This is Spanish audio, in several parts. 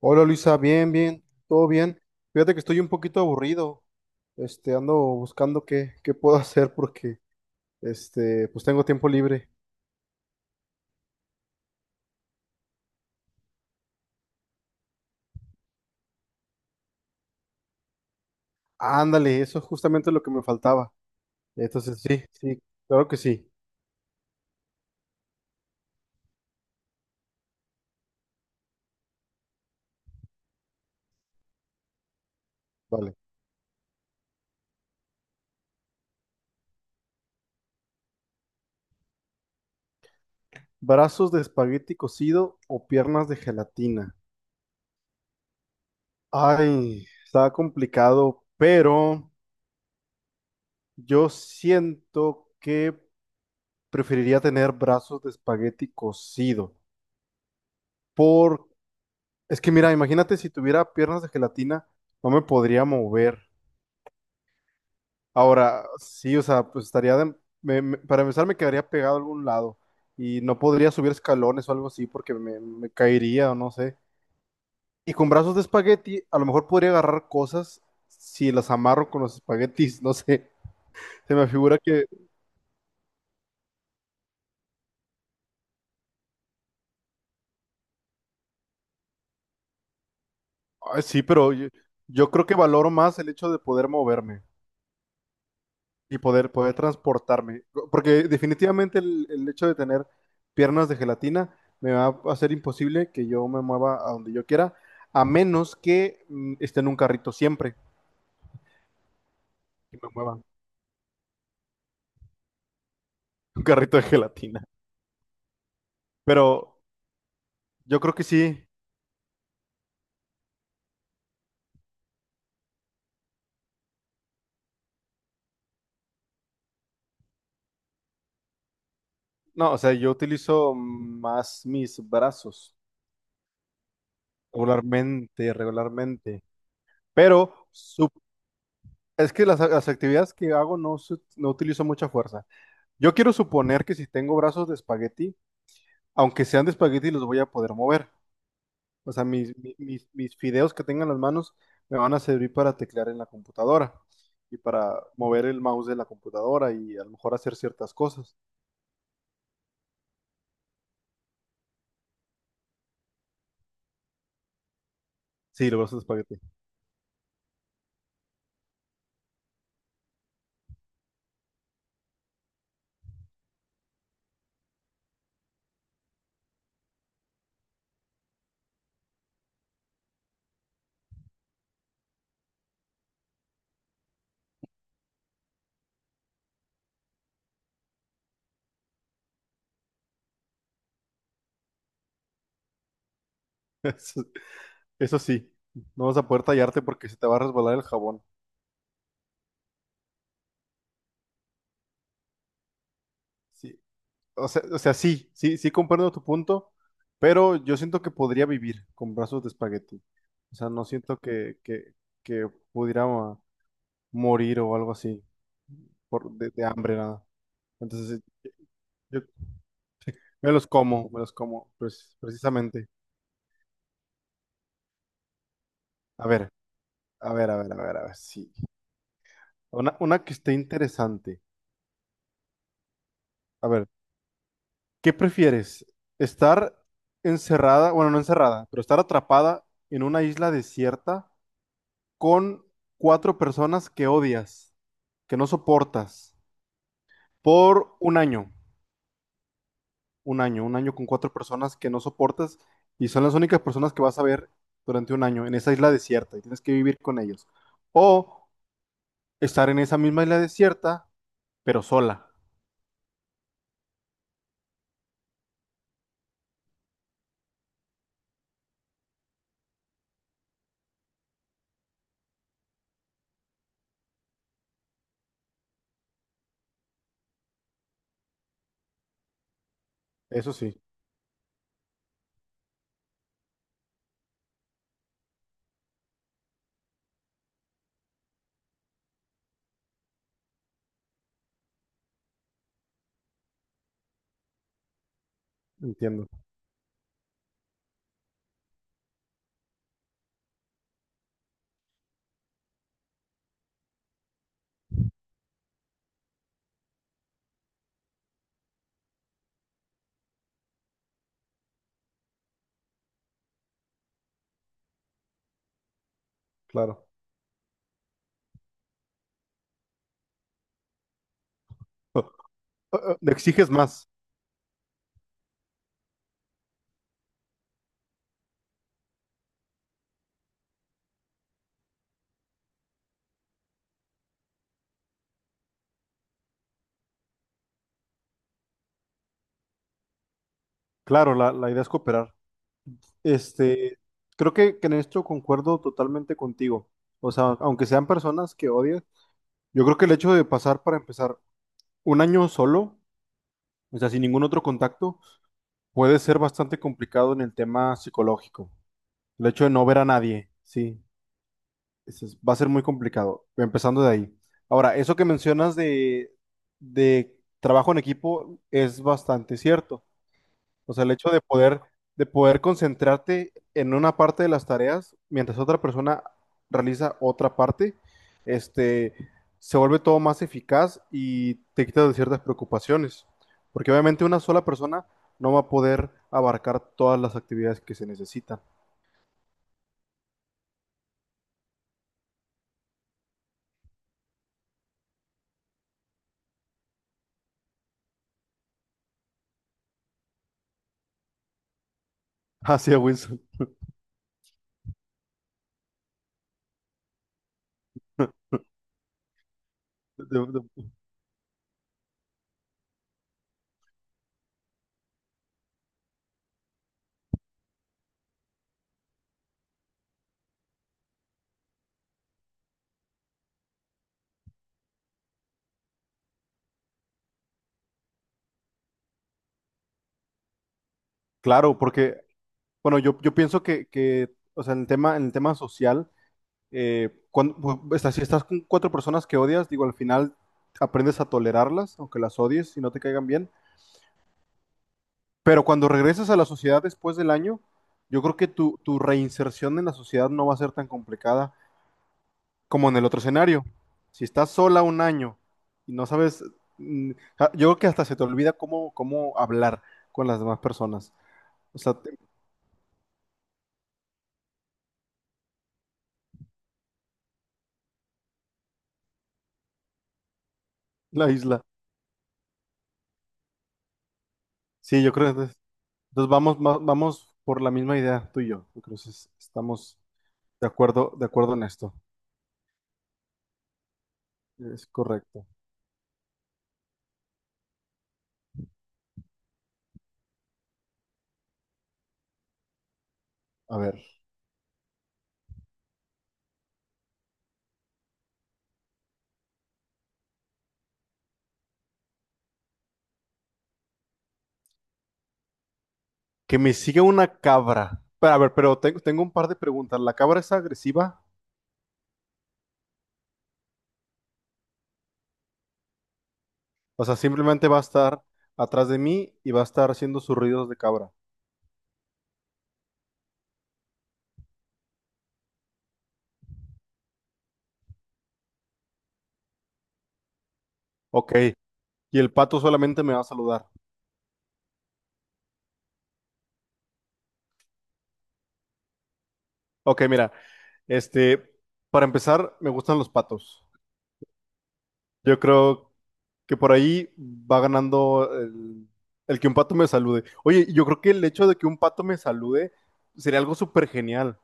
Hola Luisa, bien, bien, todo bien. Fíjate que estoy un poquito aburrido. Ando buscando qué puedo hacer porque, pues tengo tiempo libre. Ándale, eso es justamente lo que me faltaba. Entonces, sí, sí, claro que sí. Vale. ¿Brazos de espagueti cocido o piernas de gelatina? Ay, está complicado, pero yo siento que preferiría tener brazos de espagueti cocido. Es que mira, imagínate si tuviera piernas de gelatina, no me podría mover. Ahora, sí, o sea, pues estaría de- me- me- para empezar me quedaría pegado a algún lado y no podría subir escalones o algo así porque me caería o no sé. Y con brazos de espagueti, a lo mejor podría agarrar cosas si las amarro con los espaguetis, no sé. Se me figura que ay, sí, pero yo creo que valoro más el hecho de poder moverme. Y poder transportarme. Porque definitivamente el hecho de tener piernas de gelatina me va a hacer imposible que yo me mueva a donde yo quiera, a menos que esté en un carrito siempre y me mueva, un carrito de gelatina. Pero yo creo que sí, no, o sea, yo utilizo más mis brazos regularmente, pero sup- es que las actividades que hago no utilizo mucha fuerza. Yo quiero suponer que si tengo brazos de espagueti, aunque sean de espagueti, los voy a poder mover. O sea, mis fideos que tengan en las manos me van a servir para teclear en la computadora y para mover el mouse de la computadora y a lo mejor hacer ciertas cosas. Sí, lo vas a espagueti. Eso, eso sí, no vas a poder tallarte porque se te va a resbalar el jabón. Sí. O sea, sí, sí, sí comprendo tu punto, pero yo siento que podría vivir con brazos de espagueti. O sea, no siento que pudiera morir o algo así. De hambre, nada. Entonces, yo me los como, pues, precisamente. A ver, a ver, a ver, a ver, a ver, sí. Una que esté interesante. A ver, ¿qué prefieres? ¿Estar encerrada, bueno, no encerrada, pero estar atrapada en una isla desierta con cuatro personas que odias, que no soportas, por un año? Un año, un año con cuatro personas que no soportas y son las únicas personas que vas a ver durante un año en esa isla desierta y tienes que vivir con ellos. O estar en esa misma isla desierta, pero sola. Eso sí, entiendo, claro. Eh, Le exiges más. Claro, la idea es cooperar. Este, Creo que en esto concuerdo totalmente contigo. O sea, aunque sean personas que odias, yo creo que el hecho de pasar para empezar un año solo. O sea, sin ningún otro contacto, puede ser bastante complicado en el tema psicológico. El hecho de no ver a nadie, sí, va a ser muy complicado, empezando de ahí. Ahora, eso que mencionas de trabajo en equipo es bastante cierto. O sea, el hecho de de poder concentrarte en una parte de las tareas mientras otra persona realiza otra parte, este, se vuelve todo más eficaz y te quita de ciertas preocupaciones. Porque obviamente una sola persona no va a poder abarcar todas las actividades que se necesitan. Así es, Wilson. De- de- Claro, bueno, yo pienso o sea, en el tema social, si estás con cuatro personas que odias, digo, al final aprendes a tolerarlas, aunque las odies y no te caigan bien. Pero cuando regresas a la sociedad después del año, yo creo que tu reinserción en la sociedad no va a ser tan complicada como en el otro escenario. Si estás sola un año y no sabes, mm, yo creo que hasta se te olvida cómo hablar con las demás personas. O sea, te- la isla. Sí, yo creo que entonces, entonces vamos, vamos por la misma idea, tú y yo. Entonces estamos de acuerdo, de acuerdo en esto. Es correcto. A ver, que me sigue una cabra. Pero, a ver, pero tengo, tengo un par de preguntas. ¿La cabra es agresiva? O sea, simplemente va a estar atrás de mí y va a estar haciendo sus ruidos de cabra. Ok. Y el pato solamente me va a saludar. Ok, mira, este, para empezar, me gustan los patos. Yo creo que por ahí va ganando el que un pato me salude. Oye, yo creo que el hecho de que un pato me salude sería algo súper genial.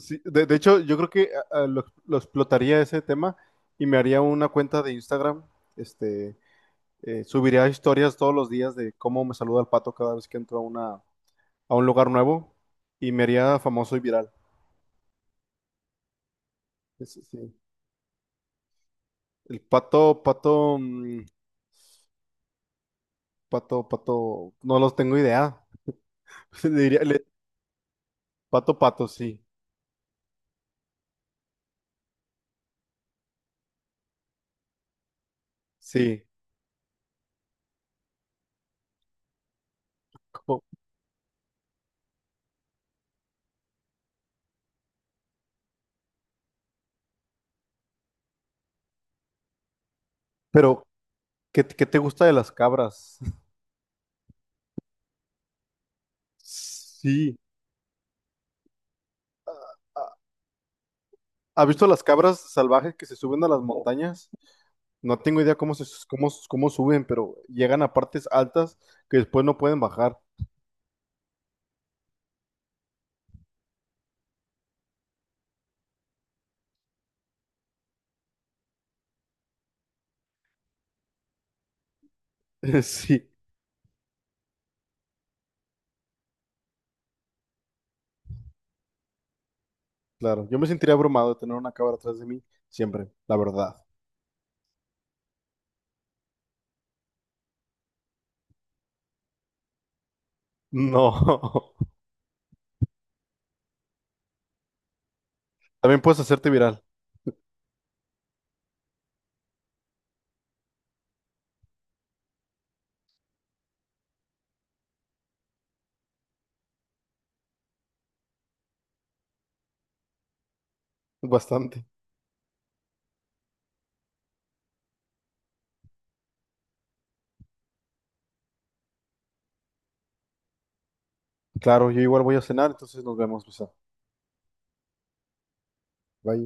Sí, de hecho, yo creo que lo explotaría ese tema y me haría una cuenta de Instagram. Este, Subiría historias todos los días de cómo me saluda el pato cada vez que entro a a un lugar nuevo y me haría famoso y viral. Ese sí. El pato, pato, mm, pato, pato, no los tengo idea. Le diría, le- Pato, pato, sí, sí. Co- Pero, ¿qué te gusta de las cabras? Sí. ¿Ha Ha visto las cabras salvajes que se suben a las montañas? No tengo idea cómo suben, pero llegan a partes altas que después no pueden bajar. Sí, claro. Yo me sentiría abrumado de tener una cámara atrás de mí siempre, la verdad. No. También puedes hacerte viral, bastante. Claro, yo igual voy a cenar, entonces nos vemos, Luisa. Bye.